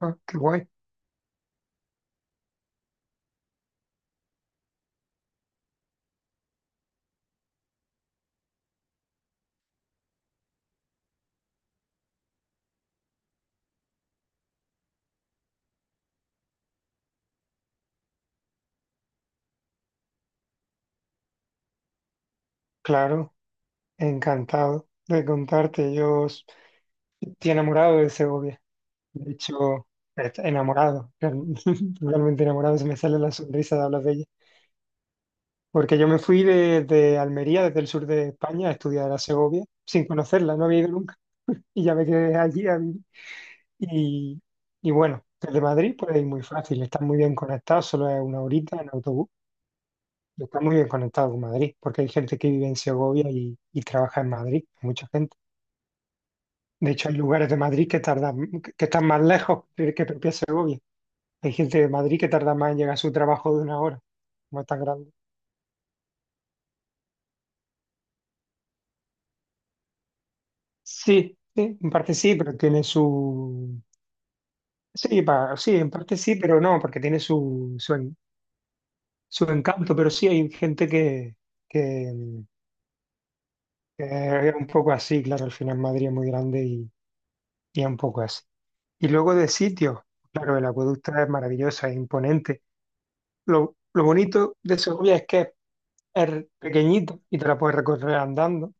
Ah, qué guay. Claro, encantado de contarte. Estoy enamorado de Segovia. De hecho, enamorado, totalmente enamorado. Se me sale la sonrisa de hablar de ella. Porque yo me fui desde Almería, desde el sur de España, a estudiar a Segovia, sin conocerla, no había ido nunca. Y ya me quedé allí a vivir. Y, y bueno, desde Madrid pues es muy fácil, está muy bien conectado, solo es una horita en autobús. Está muy bien conectado con Madrid, porque hay gente que vive en Segovia y trabaja en Madrid, mucha gente. De hecho, hay lugares de Madrid que tardan, que están más lejos que propia Segovia. Hay gente de Madrid que tarda más en llegar a su trabajo de una hora, como es tan grande. Sí, sí, en parte sí, pero tiene su. Sí, sí, en parte sí, pero no, porque tiene su encanto, pero sí hay gente que, que es un poco así, claro, al final Madrid es muy grande y es un poco así. Y luego de sitio, claro, el acueducto es maravilloso, es imponente. Lo bonito de Segovia es que es pequeñito y te la puedes recorrer andando.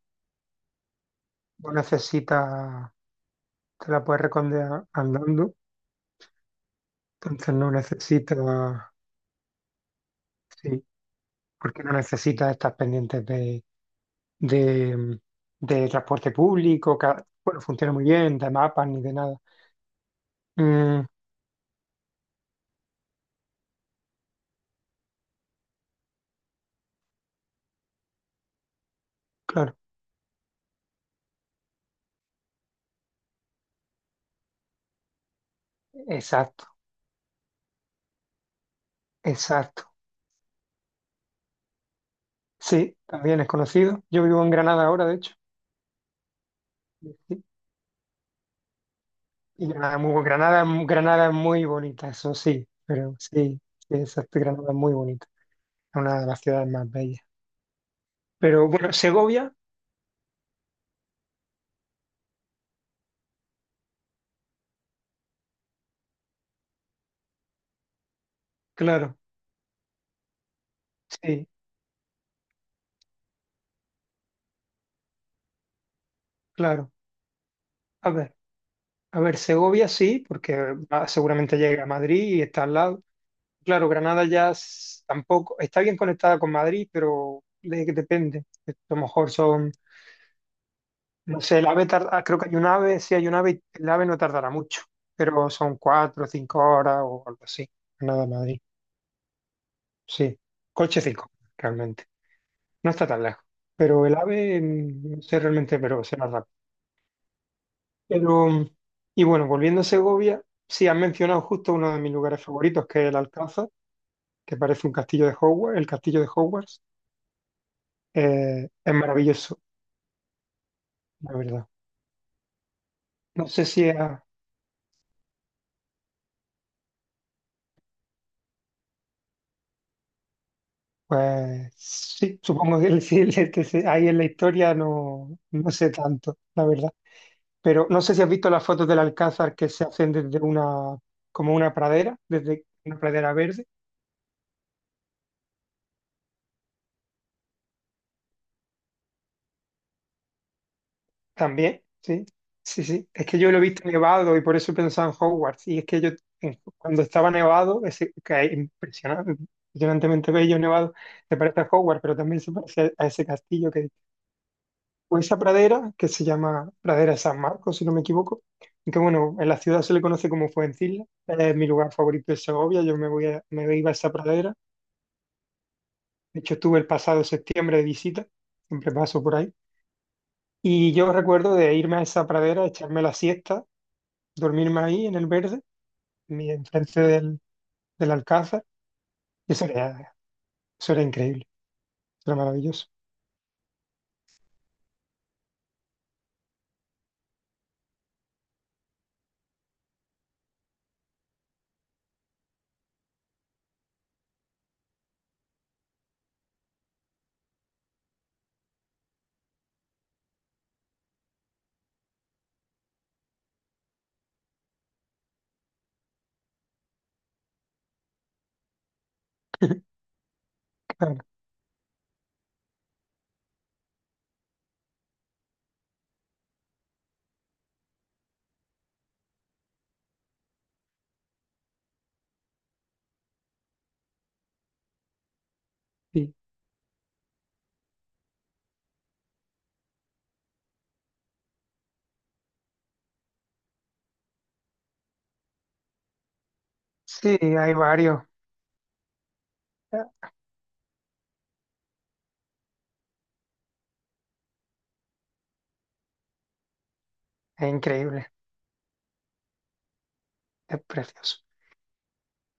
No necesitas, te la puedes recorrer andando. Entonces no necesitas, sí, porque no necesitas estar pendientes de, de transporte público, que bueno, funciona muy bien, de mapas ni de nada. Mm, claro, exacto, exacto. Sí, también es conocido. Yo vivo en Granada ahora, de hecho. Sí, y Granada es muy bonita, eso sí, pero sí, sí, exacto, Granada es muy bonita, es una de las ciudades más bellas. Pero bueno, Segovia, claro, sí, claro. A ver, a ver, Segovia sí, porque seguramente llega a Madrid y está al lado. Claro, Granada ya tampoco, está bien conectada con Madrid, pero de, depende. A lo mejor son, no sé, el AVE tarda, ah, creo que hay un AVE, sí hay un AVE, y el AVE no tardará mucho, pero son cuatro o cinco horas o algo así, Granada a Madrid. Sí, coche 5 realmente. No está tan lejos. Pero el AVE, no sé realmente, pero será rápido. Pero, y bueno, volviendo a Segovia, sí, han mencionado justo uno de mis lugares favoritos, que es el Alcázar, que parece un castillo de Hogwarts, el castillo de Hogwarts. Es maravilloso, la verdad. No sé si es, pues sí, supongo que el, sí, este, sí, ahí en la historia no, no sé tanto, la verdad. Pero no sé si has visto las fotos del Alcázar que se hacen desde una, como una pradera, desde una pradera verde. También, sí, sí, sí. Es que yo lo he visto nevado y por eso he pensado en Hogwarts. Y es que yo, cuando estaba nevado, ese, que es impresionante, impresionantemente bello nevado, se parece a Hogwarts, pero también se parece a ese castillo que, o esa pradera que se llama Pradera de San Marcos, si no me equivoco. Y que bueno, en la ciudad se le conoce como Fuencilla. Es mi lugar favorito de Segovia. Yo me me iba a esa pradera. De hecho, estuve el pasado septiembre de visita, siempre paso por ahí. Y yo recuerdo de irme a esa pradera, echarme la siesta, dormirme ahí en el verde, enfrente del, del alcázar. Y eso era, eso era increíble, eso era maravilloso. Claro, sí. Sí, hay varios. Es increíble, es precioso.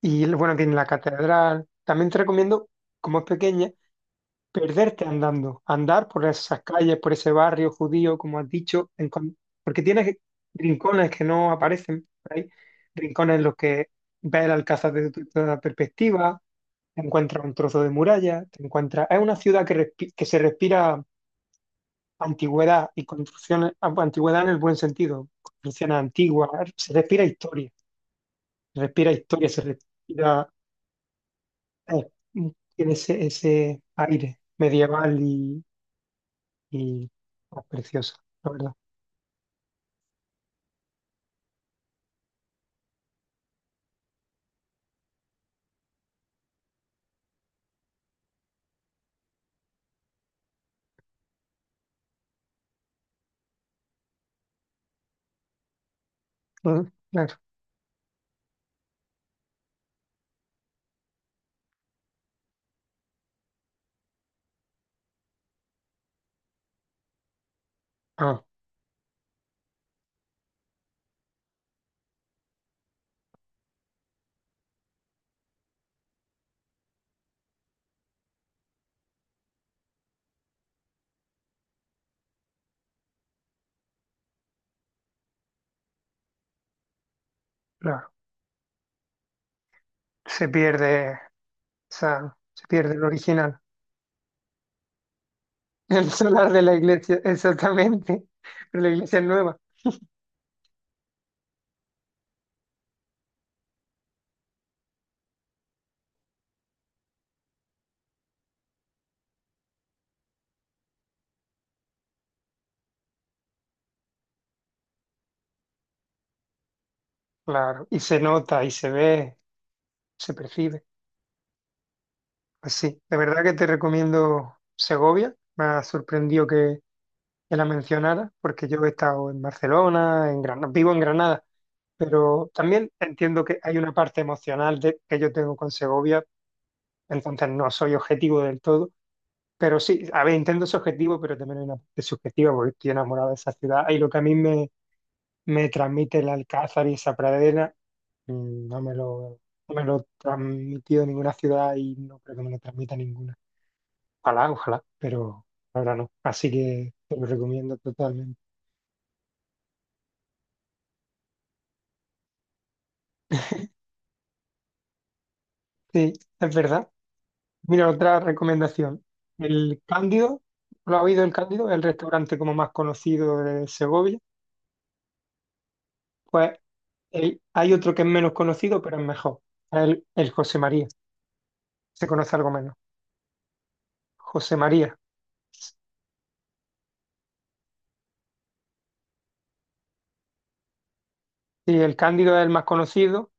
Y bueno, tiene la catedral. También te recomiendo, como es pequeña, perderte andando, andar por esas calles, por ese barrio judío, como has dicho, porque tienes rincones que no aparecen por ahí, rincones en los que ves el Alcázar desde toda perspectiva, te encuentras un trozo de muralla, te encuentras. Es una ciudad que, que se respira antigüedad y construcciones, ah, bueno, antigüedad en el buen sentido, construcciones antiguas, se respira historia, se respira historia, se respira. eh, tiene ese aire medieval y oh, preciosa, la verdad. Mm, claro, ah, claro. Se pierde, se pierde el original. El solar de la iglesia, exactamente. Pero la iglesia es nueva. Claro, y se nota, y se ve, se percibe. Pues sí, de verdad que te recomiendo Segovia. Me ha sorprendido que la mencionara, porque yo he estado en Barcelona, en Granada, vivo en Granada, pero también entiendo que hay una parte emocional que yo tengo con Segovia, entonces no soy objetivo del todo. Pero sí, a ver, intento es objetivo, pero también hay una parte subjetiva porque estoy enamorado de esa ciudad. Y lo que a mí me transmite el Alcázar y esa pradera, mm, no me lo, no me lo transmitido ninguna ciudad y no creo que me lo transmita ninguna. Ojalá, ojalá, pero ahora no. Así que te lo recomiendo totalmente. Sí, es verdad. Mira, otra recomendación. El Cándido, ¿lo ha oído el Cándido? El restaurante como más conocido de Segovia. Pues hay otro que es menos conocido, pero es mejor. El José María. Se conoce algo menos. José María. Sí, el Cándido es el más conocido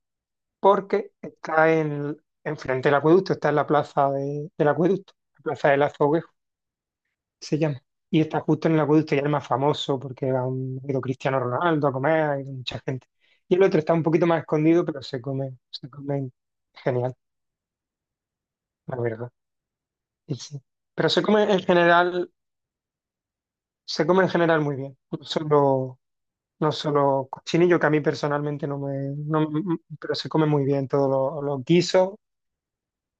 porque está enfrente del acueducto, está en la plaza del acueducto, la plaza del Azoguejo, se llama. Y está justo en el acueducto y es el más famoso porque ha ido Cristiano Ronaldo a comer, ha ido mucha gente. Y el otro está un poquito más escondido, pero se come genial, la verdad. Y sí. Pero se come en general, se come en general muy bien. No solo cochinillo, que a mí personalmente no me. No m- pero se come muy bien todos los guisos,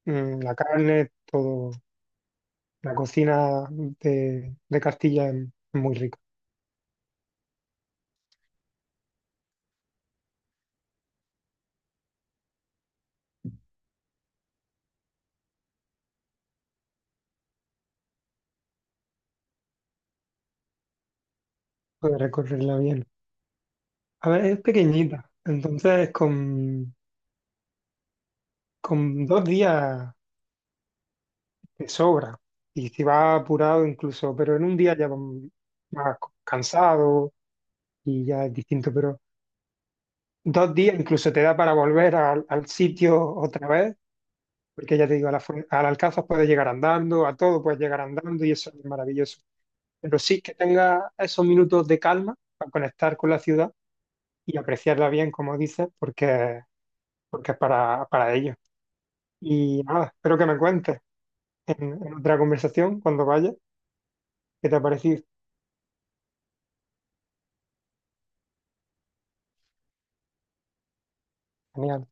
la carne, todo. La cocina de Castilla es muy rica, puede recorrerla bien. A ver, es pequeñita, entonces con dos días te sobra. Y si vas apurado incluso, pero en un día ya vas más cansado y ya es distinto. Pero dos días incluso te da para volver al sitio otra vez, porque ya te digo, al Alcázar puedes llegar andando, a todo puedes llegar andando y eso es maravilloso. Pero sí que tenga esos minutos de calma para conectar con la ciudad y apreciarla bien, como dices, porque, porque es para ello. Y nada, espero que me cuentes en otra conversación cuando vayas qué te ha parecido. Genial.